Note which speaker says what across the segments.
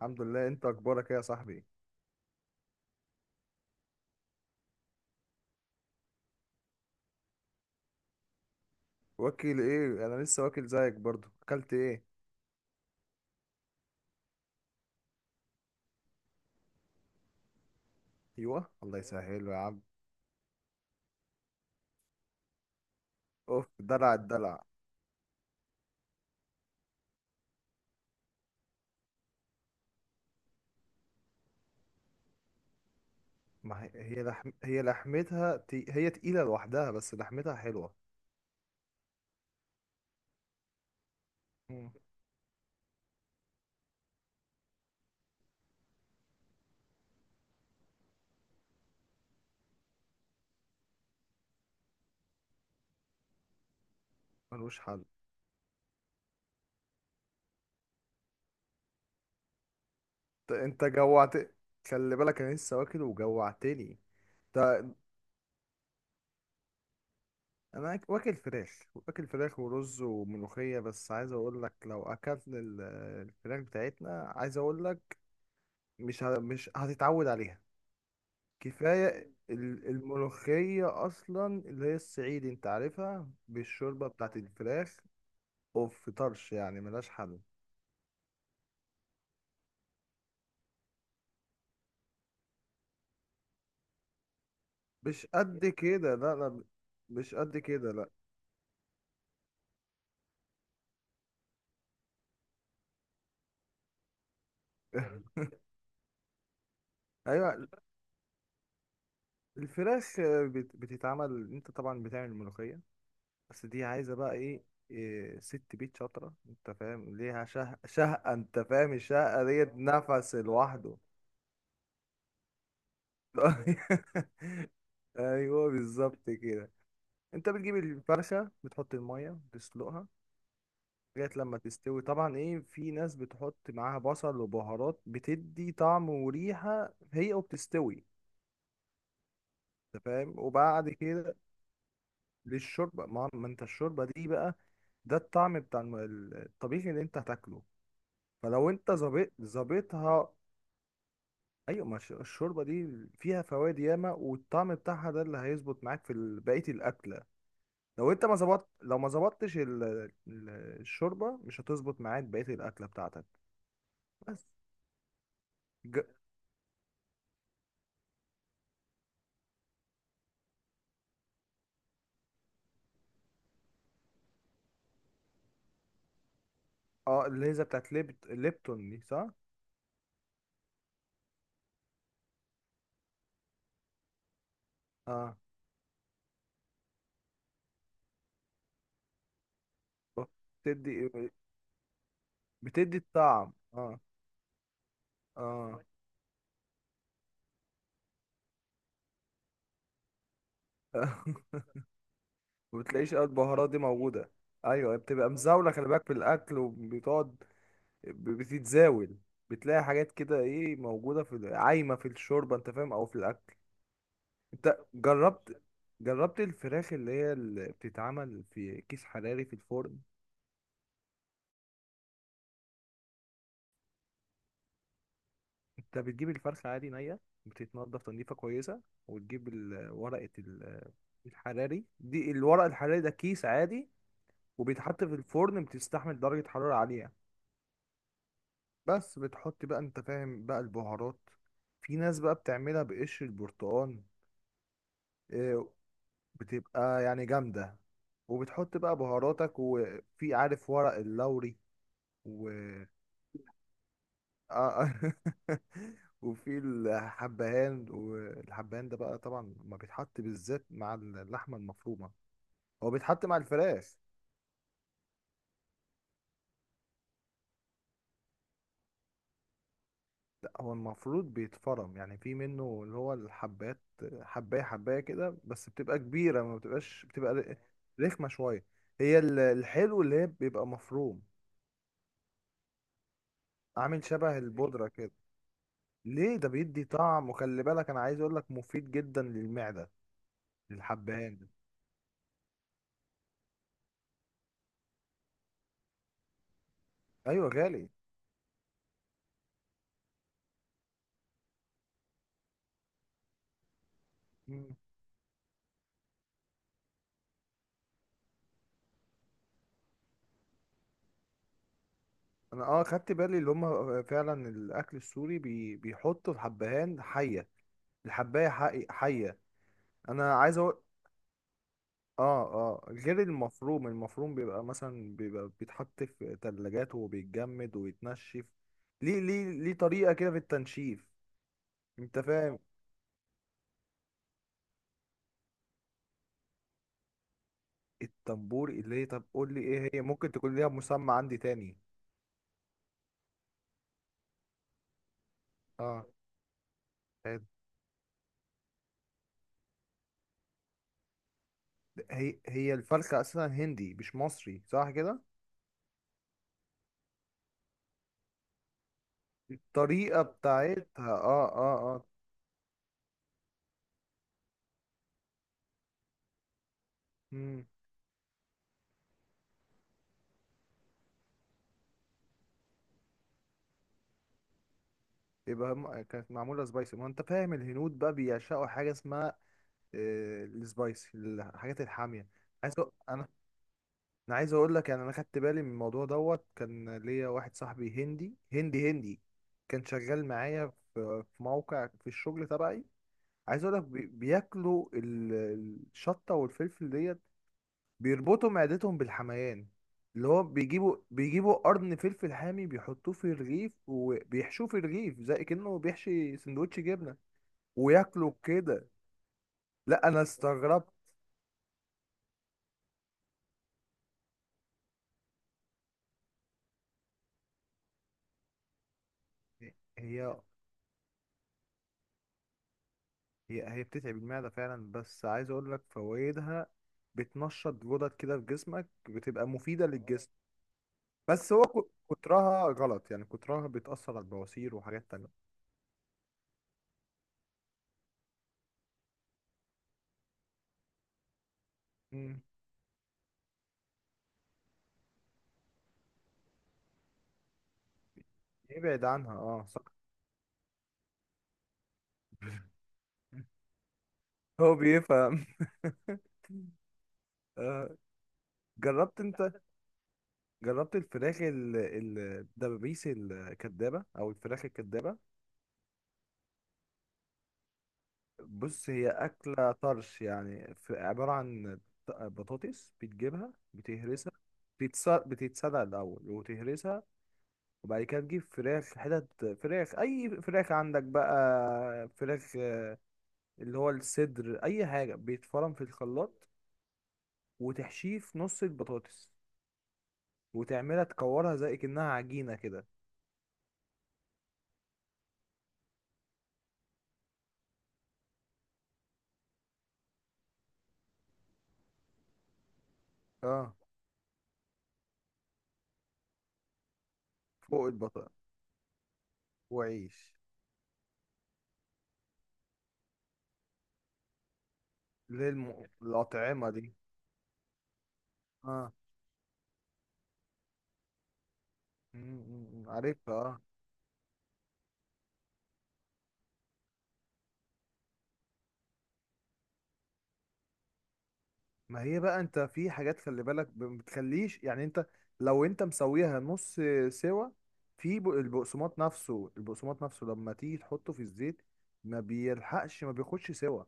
Speaker 1: الحمد لله، انت اخبارك ايه يا صاحبي؟ واكل ايه؟ انا لسه واكل زيك برضو. اكلت ايه؟ ايوه، الله يسهله يا عم. اوف، دلع الدلع. ما هي. هي تقيله لوحدها، بس لحمتها حلوه. مم. ملوش حل. انت جوعت. خلي بالك، انا لسه واكل وجوعتني. ده واكل فراخ ورز وملوخيه، بس عايز اقول لك لو اكلت الفراخ بتاعتنا، عايز اقول لك مش هتتعود عليها. كفاية الملوخية أصلا، اللي هي الصعيدي، أنت عارفها بالشوربة بتاعت الفراخ. أوف طرش يعني، ملهاش حل. مش قد كده، لا، لا، مش قد كده، لا. أيوة. الفراخ بتتعمل، أنت طبعا بتعمل الملوخية، بس دي عايزة بقى إيه؟ إيه، ست بيت شاطرة، أنت فاهم، ليها شهقة، أنت فاهم الشهقة ديت، نفس لوحده. أيوة، بالظبط كده. انت بتجيب الفرخة، بتحط المية تسلقها لغاية لما تستوي، طبعا ايه، في ناس بتحط معاها بصل وبهارات، بتدي طعم وريحة هي وبتستوي، انت فاهم، وبعد كده للشوربة. ما انت الشوربة دي بقى، ده الطعم بتاع الطبيخ اللي انت هتاكله، فلو انت ظابطها. ايوه ما الشوربة دي فيها فوائد ياما، والطعم بتاعها ده اللي هيظبط معاك في بقية الأكلة. لو انت ما ظبطت، لو ما ظبطتش ال- الشوربه مش هتظبط معاك بقيه الاكله بتاعتك. بس ج... اه، الليزه بتاعت ليبتون دي، صح؟ اه، بتدي بتدي الطعم، اه. اه. ما بتلاقيش قوي البهارات دي موجوده. ايوه، بتبقى مزاوله، خلي بالك في الاكل وبتقعد، بتتزاول، بتلاقي حاجات كده ايه موجوده في عايمه في الشوربه، انت فاهم، او في الاكل. انت جربت؟ جربت الفراخ اللي هي اللي بتتعمل في كيس حراري في الفرن؟ انت بتجيب الفرخة عادي نية، بتتنضف تنظيفة كويسة، وتجيب ورقة الحراري دي، الورق الحراري ده كيس عادي، وبيتحط في الفرن، بتستحمل درجة حرارة عالية. بس بتحط بقى، انت فاهم بقى، البهارات. في ناس بقى بتعملها بقشر البرتقال، اه، بتبقى يعني جامدة. وبتحط بقى بهاراتك، وفي عارف ورق اللوري، اه. وفي الحبهان، والحبهان ده بقى طبعا ما بيتحط بالذات مع اللحمه المفرومه، هو بيتحط مع الفراخ. لا، هو المفروض بيتفرم، يعني في منه اللي هو الحبات، حبايه حبايه كده، بس بتبقى كبيره ما بتبقاش، بتبقى رخمه شويه. هي الحلو اللي هي بيبقى مفروم، عامل شبه البودره كده. ليه؟ ده بيدي طعم، وخلي بالك انا عايز اقول لك مفيد جدا للمعده الحبهان ده. ايوه غالي. انا، اه، خدت بالي اللي هم فعلا الاكل السوري بيحطوا الحبهان حيه، الحبايه حيه، انا عايز اقول. اه، اه، غير المفروم، المفروم بيبقى مثلا، بيتحط في تلاجات وبيتجمد ويتنشف، ليه طريقه كده في التنشيف، انت فاهم. التنبور اللي هي، طب قول لي ايه هي، ممكن تكون ليها مسمى عندي تاني. اه. هي الفرخه اصلا هندي مش مصري، صح كده؟ الطريقه بتاعتها، اه، اه، اه. مم. يبقى كانت معمولة سبايسي، ما انت فاهم الهنود بقى بيعشقوا حاجة اسمها، آه، السبايسي، الحاجات الحامية. عايز أ- انا انا عايز اقول لك يعني، انا خدت بالي من الموضوع دوت، كان ليا واحد صاحبي هندي هندي هندي، كان شغال معايا في موقع في الشغل تبعي. عايز اقول لك بياكلوا الشطة والفلفل ديت، بيربطوا معدتهم بالحميان. اللي هو بيجيبوا قرن فلفل حامي، بيحطوه في الرغيف، وبيحشوه في الرغيف زي كأنه بيحشي سندوتش جبنة، وياكلوا كده. لا، انا استغربت. هي، هي بتتعب المعدة فعلا، بس عايز اقول لك فوائدها بتنشط غدد كده في جسمك، بتبقى مفيدة للجسم. بس هو كترها غلط يعني، كترها بتأثر على البواسير وحاجات تانية. مم. ابعد عنها، اه، صح. هو بيفهم. آه. جربت انت؟ جربت الفراخ الدبابيس الكدابة او الفراخ الكدابة؟ بص، هي أكلة طرش يعني، في عبارة عن بطاطس، بتجيبها بتهرسها، بتتسلق الأول وتهرسها. وبعد كده تجيب فراخ، حتت فراخ، أي فراخ عندك بقى فراخ، آه، اللي هو الصدر أي حاجة، بيتفرم في الخلاط، وتحشيه في نص البطاطس، وتعملها تكورها زي كأنها عجينة كده، اه، فوق البطاطس وعيش. اللي هي الأطعمة دي، اه. م- م- م، عارفها، اه. ما هي بقى، انت في حاجات خلي بالك، ما بتخليش يعني انت لو انت مسويها نص سوا. في، البقسماط نفسه لما تيجي تحطه في الزيت، ما بيلحقش، ما بياخدش سوا،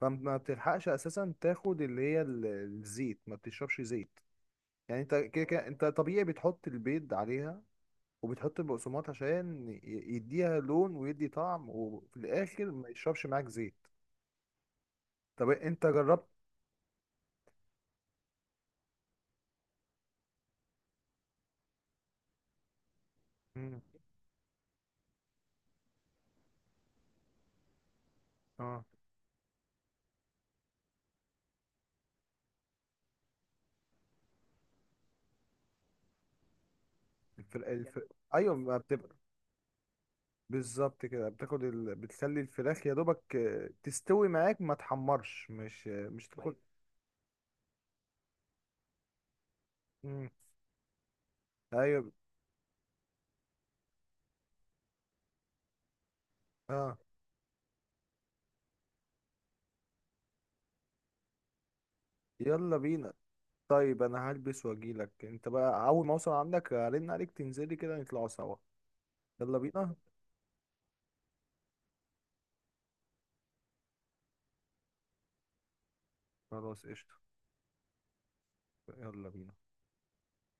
Speaker 1: فما بتلحقش اساسا تاخد اللي هي الزيت، ما بتشربش زيت. يعني انت كده كده، انت طبيعي بتحط البيض عليها، وبتحط البقسماط عشان يديها لون ويدي طعم، وفي الاخر ما يشربش معاك زيت. طب انت جربت؟ مم. اه، الفرق، ايوه ما بتبقى بالظبط كده، بتاخد بتخلي الفراخ يا دوبك، آه، تستوي معاك ما تحمرش، مش تاخد. مم. ايوه، اه، يلا بينا. طيب، انا هلبس واجيلك، انت بقى اول ما اوصل عندك هرن عليك، تنزلي كده نطلعوا سوا. يلا بينا. خلاص، قشطة. يلا بينا.